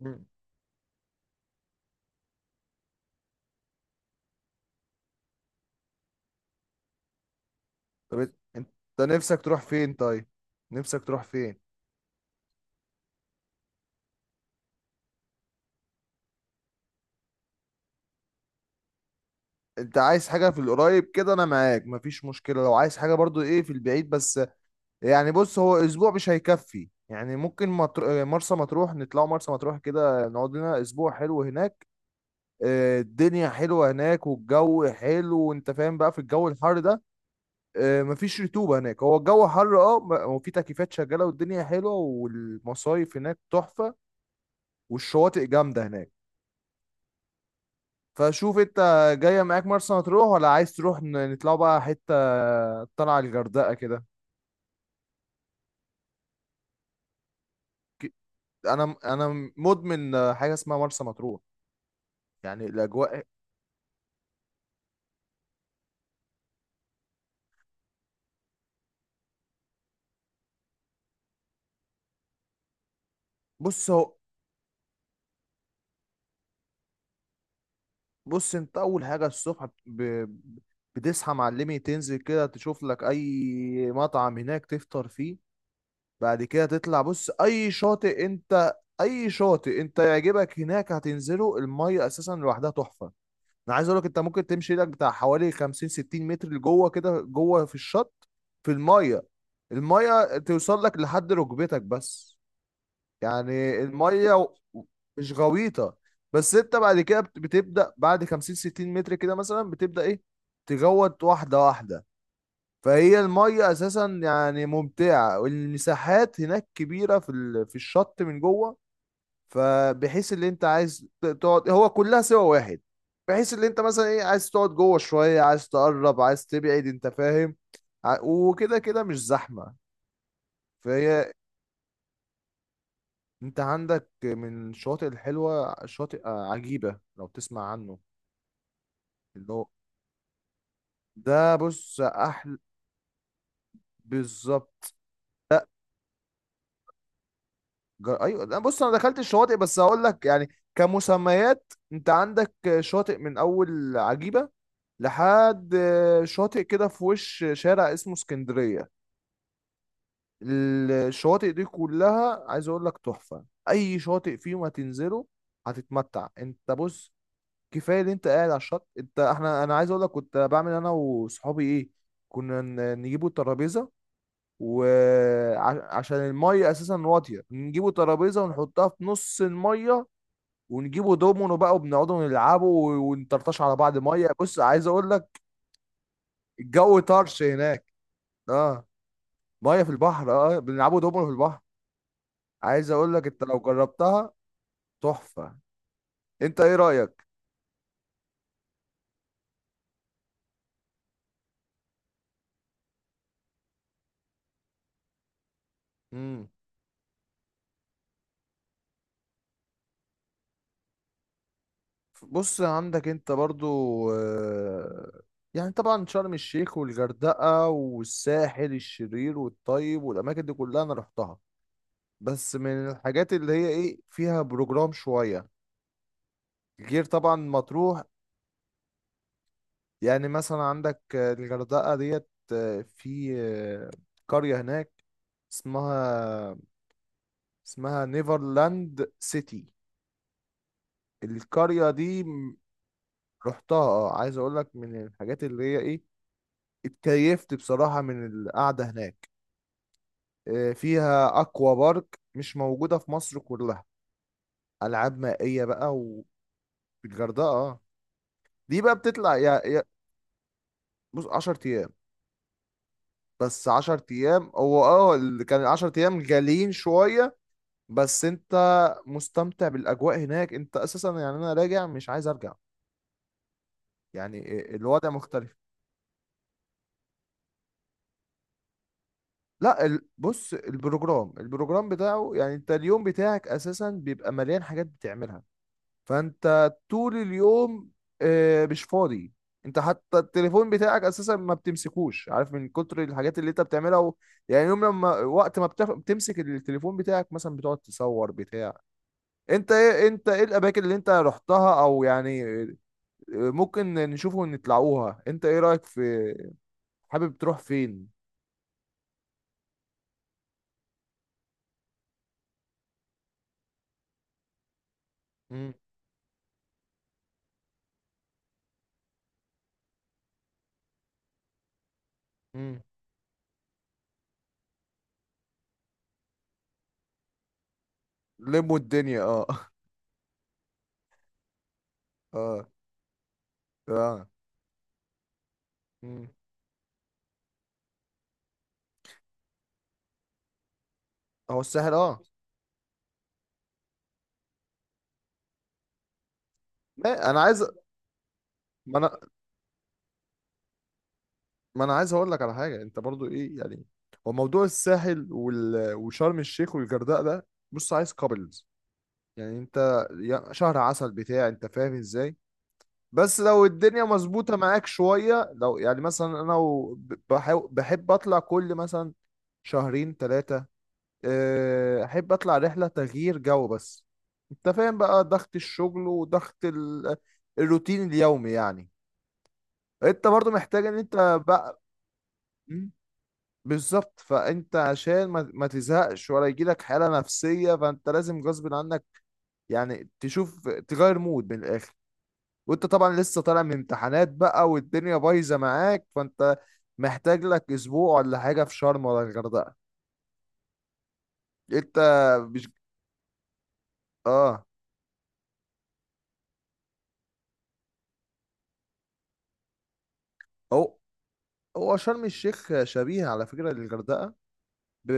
مم. طب انت نفسك تروح فين طيب؟ نفسك تروح فين؟ انت عايز حاجة في القريب كده انا معاك مفيش مشكلة، لو عايز حاجة برضو ايه في البعيد بس. يعني بص، هو اسبوع مش هيكفي يعني، ممكن مرسى مطروح، نطلعوا مرسى مطروح كده نقعد لنا اسبوع حلو هناك. الدنيا حلوة هناك والجو حلو، وانت فاهم بقى في الجو الحر ده. مفيش رطوبة هناك، هو الجو حر اه، وفي تكييفات شغالة والدنيا حلوة والمصايف هناك تحفة، والشواطئ جامدة هناك. فشوف انت، جاية معاك مرسى مطروح، ولا عايز تروح نطلعوا بقى حتة، طلع الغردقة كده؟ ك- انا مدمن حاجة اسمها مرسى مطروح، يعني الاجواء. بص هو بص انت، اول حاجة الصبح بتصحى معلمي، تنزل كده تشوف لك اي مطعم هناك تفطر فيه. بعد كده تطلع، بص اي شاطئ انت، اي شاطئ انت يعجبك هناك هتنزله، المية اساسا لوحدها تحفة. انا عايز اقول لك، انت ممكن تمشي ايدك بتاع حوالي 50 60 متر لجوه كده، جوه في الشط، في الميه، الميه توصل لك لحد ركبتك بس. يعني الميه، مش غويطه. بس انت بعد كده بتبدا، بعد 50 60 متر كده مثلا بتبدا ايه، تجوط واحده واحده. فهي الميه اساسا يعني ممتعه، والمساحات هناك كبيره في الشط من جوه. فبحيث اللي انت عايز تقعد هو كلها سوا واحد. بحيث اللي انت مثلا ايه، عايز تقعد جوه شوية، عايز تقرب عايز تبعد، انت فاهم. وكده كده مش زحمة. فهي، انت عندك من الشواطئ الحلوة شاطئ عجيبة، لو تسمع عنه، اللي هو ده بص احلى. بالظبط. ايوه لا، بص انا دخلت الشواطئ بس هقول لك يعني كمسميات، انت عندك شاطئ من اول عجيبة لحد شاطئ كده في وش شارع اسمه اسكندرية. الشواطئ دي كلها عايز اقول لك تحفة، اي شاطئ فيهم هتنزله هتتمتع. انت بص، كفاية اللي انت قاعد على الشط. انت احنا، انا عايز اقول لك كنت بعمل انا وصحابي ايه، كنا نجيبوا الترابيزة، وعشان المية اساسا واطية نجيبوا ترابيزة ونحطها في نص المية، ونجيبوا دومينو بقى وبنقعدوا نلعبوا ونطرطش على بعض مية. بص عايز اقول لك، الجو طرش هناك. اه، ميه في البحر اه. بنلعبوا دومينو في البحر. عايز اقول لك انت لو جربتها تحفه. انت ايه رايك؟ امم بص، عندك انت برضو آه، يعني طبعا شرم الشيخ والغردقة والساحل الشرير والطيب، والأماكن دي كلها أنا رحتها، بس من الحاجات اللي هي إيه فيها بروجرام شوية، غير طبعا مطروح. يعني مثلا عندك الغردقة ديت، في قرية هناك اسمها، اسمها نيفرلاند سيتي. القرية دي، رحتها اه، عايز اقول لك من الحاجات اللي هي ايه، اتكيفت بصراحة من القعدة هناك. فيها اكوا بارك مش موجودة في مصر كلها، العاب مائية بقى. وفي الغردقة اه، دي بقى بتطلع يا بص 10 ايام. بس 10 ايام، هو اه اللي كان 10 ايام غاليين شوية. بس انت مستمتع بالاجواء هناك انت اساسا، يعني انا راجع مش عايز ارجع، يعني الوضع مختلف. لا بص، البروجرام، البروجرام بتاعه يعني، انت اليوم بتاعك اساسا بيبقى مليان حاجات بتعملها. فانت طول اليوم مش فاضي. انت حتى التليفون بتاعك اساسا ما بتمسكوش، عارف، من كتر الحاجات اللي انت بتعملها يعني، يوم لما وقت ما بتمسك التليفون بتاعك مثلا، بتقعد تصور بتاع. انت ايه، انت ايه الاماكن اللي انت رحتها، او يعني ممكن نشوفه ونطلعوها. انت ايه رأيك في، حابب تروح فين؟ مم. مم. لموا الدنيا اه. اه. اه. مم. هو الساحل اه. ما انا عايز ما انا ما انا عايز اقول لك على حاجه انت برضو ايه يعني. هو موضوع الساحل وشرم الشيخ والغردقه ده، بص عايز كابلز يعني، انت شهر عسل بتاع، انت فاهم ازاي. بس لو الدنيا مظبوطه معاك شويه، لو يعني مثلا انا بحب اطلع كل مثلا شهرين ثلاثه، احب اطلع رحله تغيير جو بس. انت فاهم بقى ضغط الشغل وضغط الروتين اليومي يعني، انت برضو محتاج ان انت بقى. مم، بالظبط. فانت عشان ما تزهقش ولا يجيلك حاله نفسيه، فانت لازم غصب عنك يعني تشوف تغير مود من الاخر. وانت طبعا لسه طالع من امتحانات بقى والدنيا بايظه معاك، فانت محتاج لك اسبوع ولا حاجه في شرم ولا الغردقه، انت مش، اه اهو. هو شرم الشيخ شبيه على فكرة للغردقة. ب...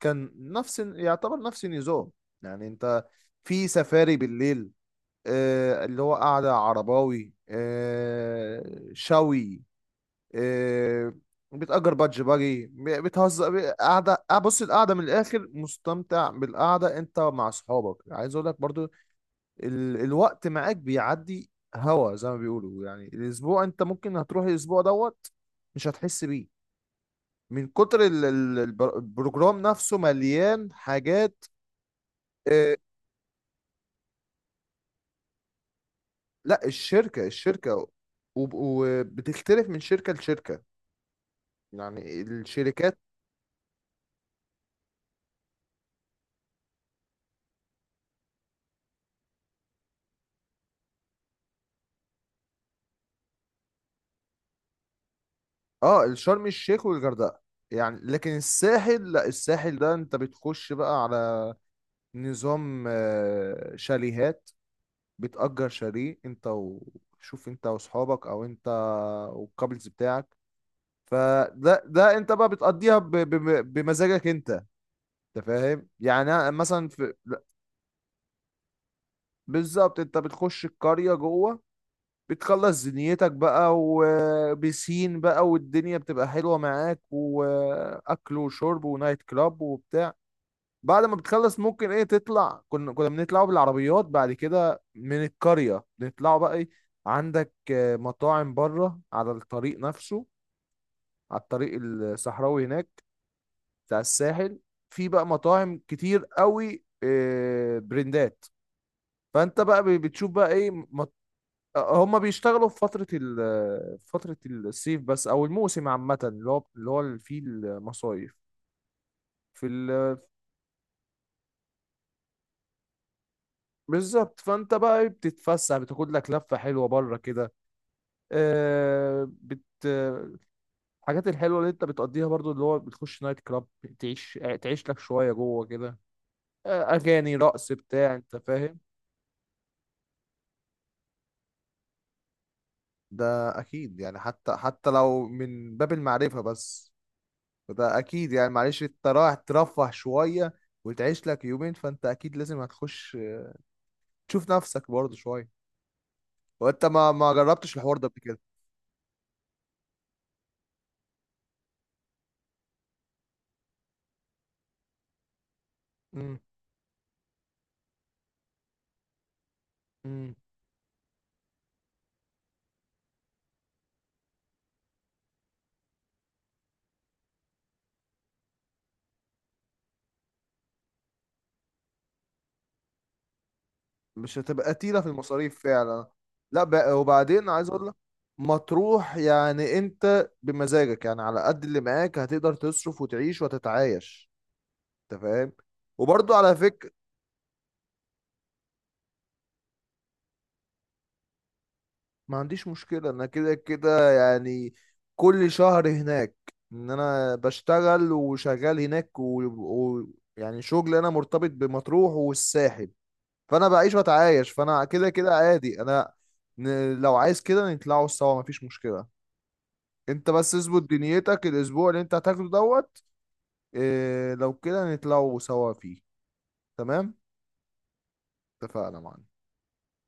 كان نفس، يعتبر نفس النظام، يعني انت في سفاري بالليل، اللي هو قعدة عرباوي شوي، آه، بتأجر بادج باجي، بتهزر، قعدة بص. القعدة من الآخر مستمتع بالقعدة انت مع أصحابك. عايز أقول لك برضو، الوقت معاك بيعدي. هوا زي ما بيقولوا يعني، الأسبوع انت ممكن هتروح، الأسبوع دوت مش هتحس بيه من كتر البروجرام نفسه، مليان حاجات. آه، لا الشركة، وبتختلف من شركة لشركة، يعني الشركات. اه الشرم الشيخ والغردقة يعني. لكن الساحل لا، الساحل ده انت بتخش بقى على نظام شاليهات، بتأجر شاليه انت وشوف انت واصحابك، او انت والكابلز بتاعك. فده ده انت بقى بتقضيها بمزاجك انت، انت فاهم، يعني أنا مثلا في لا، بالظبط. انت بتخش القرية جوه، بتخلص زنيتك بقى وبسين بقى، والدنيا بتبقى حلوة معاك، واكل وشرب ونايت كلاب وبتاع. بعد ما بتخلص ممكن ايه تطلع، كنا بنطلعوا بالعربيات بعد كده من القرية، بنطلعوا بقى ايه، عندك مطاعم بره على الطريق نفسه، على الطريق الصحراوي هناك بتاع الساحل. في بقى مطاعم كتير قوي، برندات. فانت بقى بتشوف بقى ايه هما بيشتغلوا في فترة في فترة الصيف بس، او الموسم عامة اللي فيه المصايف في ال. بالظبط، فانت بقى إيه بتتفسح، بتاخد لك لفة حلوة بره كده. آه، بت الحاجات الحلوة اللي انت بتقضيها برضو، اللي هو بتخش نايت كلاب، تعيش لك شوية جوه كده، اغاني رقص بتاع، انت فاهم. ده اكيد يعني، حتى لو من باب المعرفة بس، فده اكيد يعني معلش، انت رايح ترفه شويه وتعيش لك يومين، فانت اكيد لازم هتخش تشوف نفسك برضه شويه. وانت ما جربتش الحوار ده قبل كده. امم امم مش هتبقى تقيله في المصاريف فعلا. لا وبعدين عايز اقول لك، مطروح يعني انت بمزاجك، يعني على قد اللي معاك هتقدر تصرف وتعيش وتتعايش، انت فاهم. وبرضه على فكره، ما عنديش مشكلة انا كده كده، يعني كل شهر هناك، ان انا بشتغل وشغال هناك، ويعني يعني شغل انا مرتبط بمطروح والساحل، فانا بعيش واتعايش، فانا كده كده عادي انا. لو عايز كده نطلعوا سوا مفيش مشكلة، انت بس اظبط دنيتك الاسبوع اللي انت هتاخده دوت. إيه لو كده نطلعوا سوا فيه. تمام. اتفقنا معانا.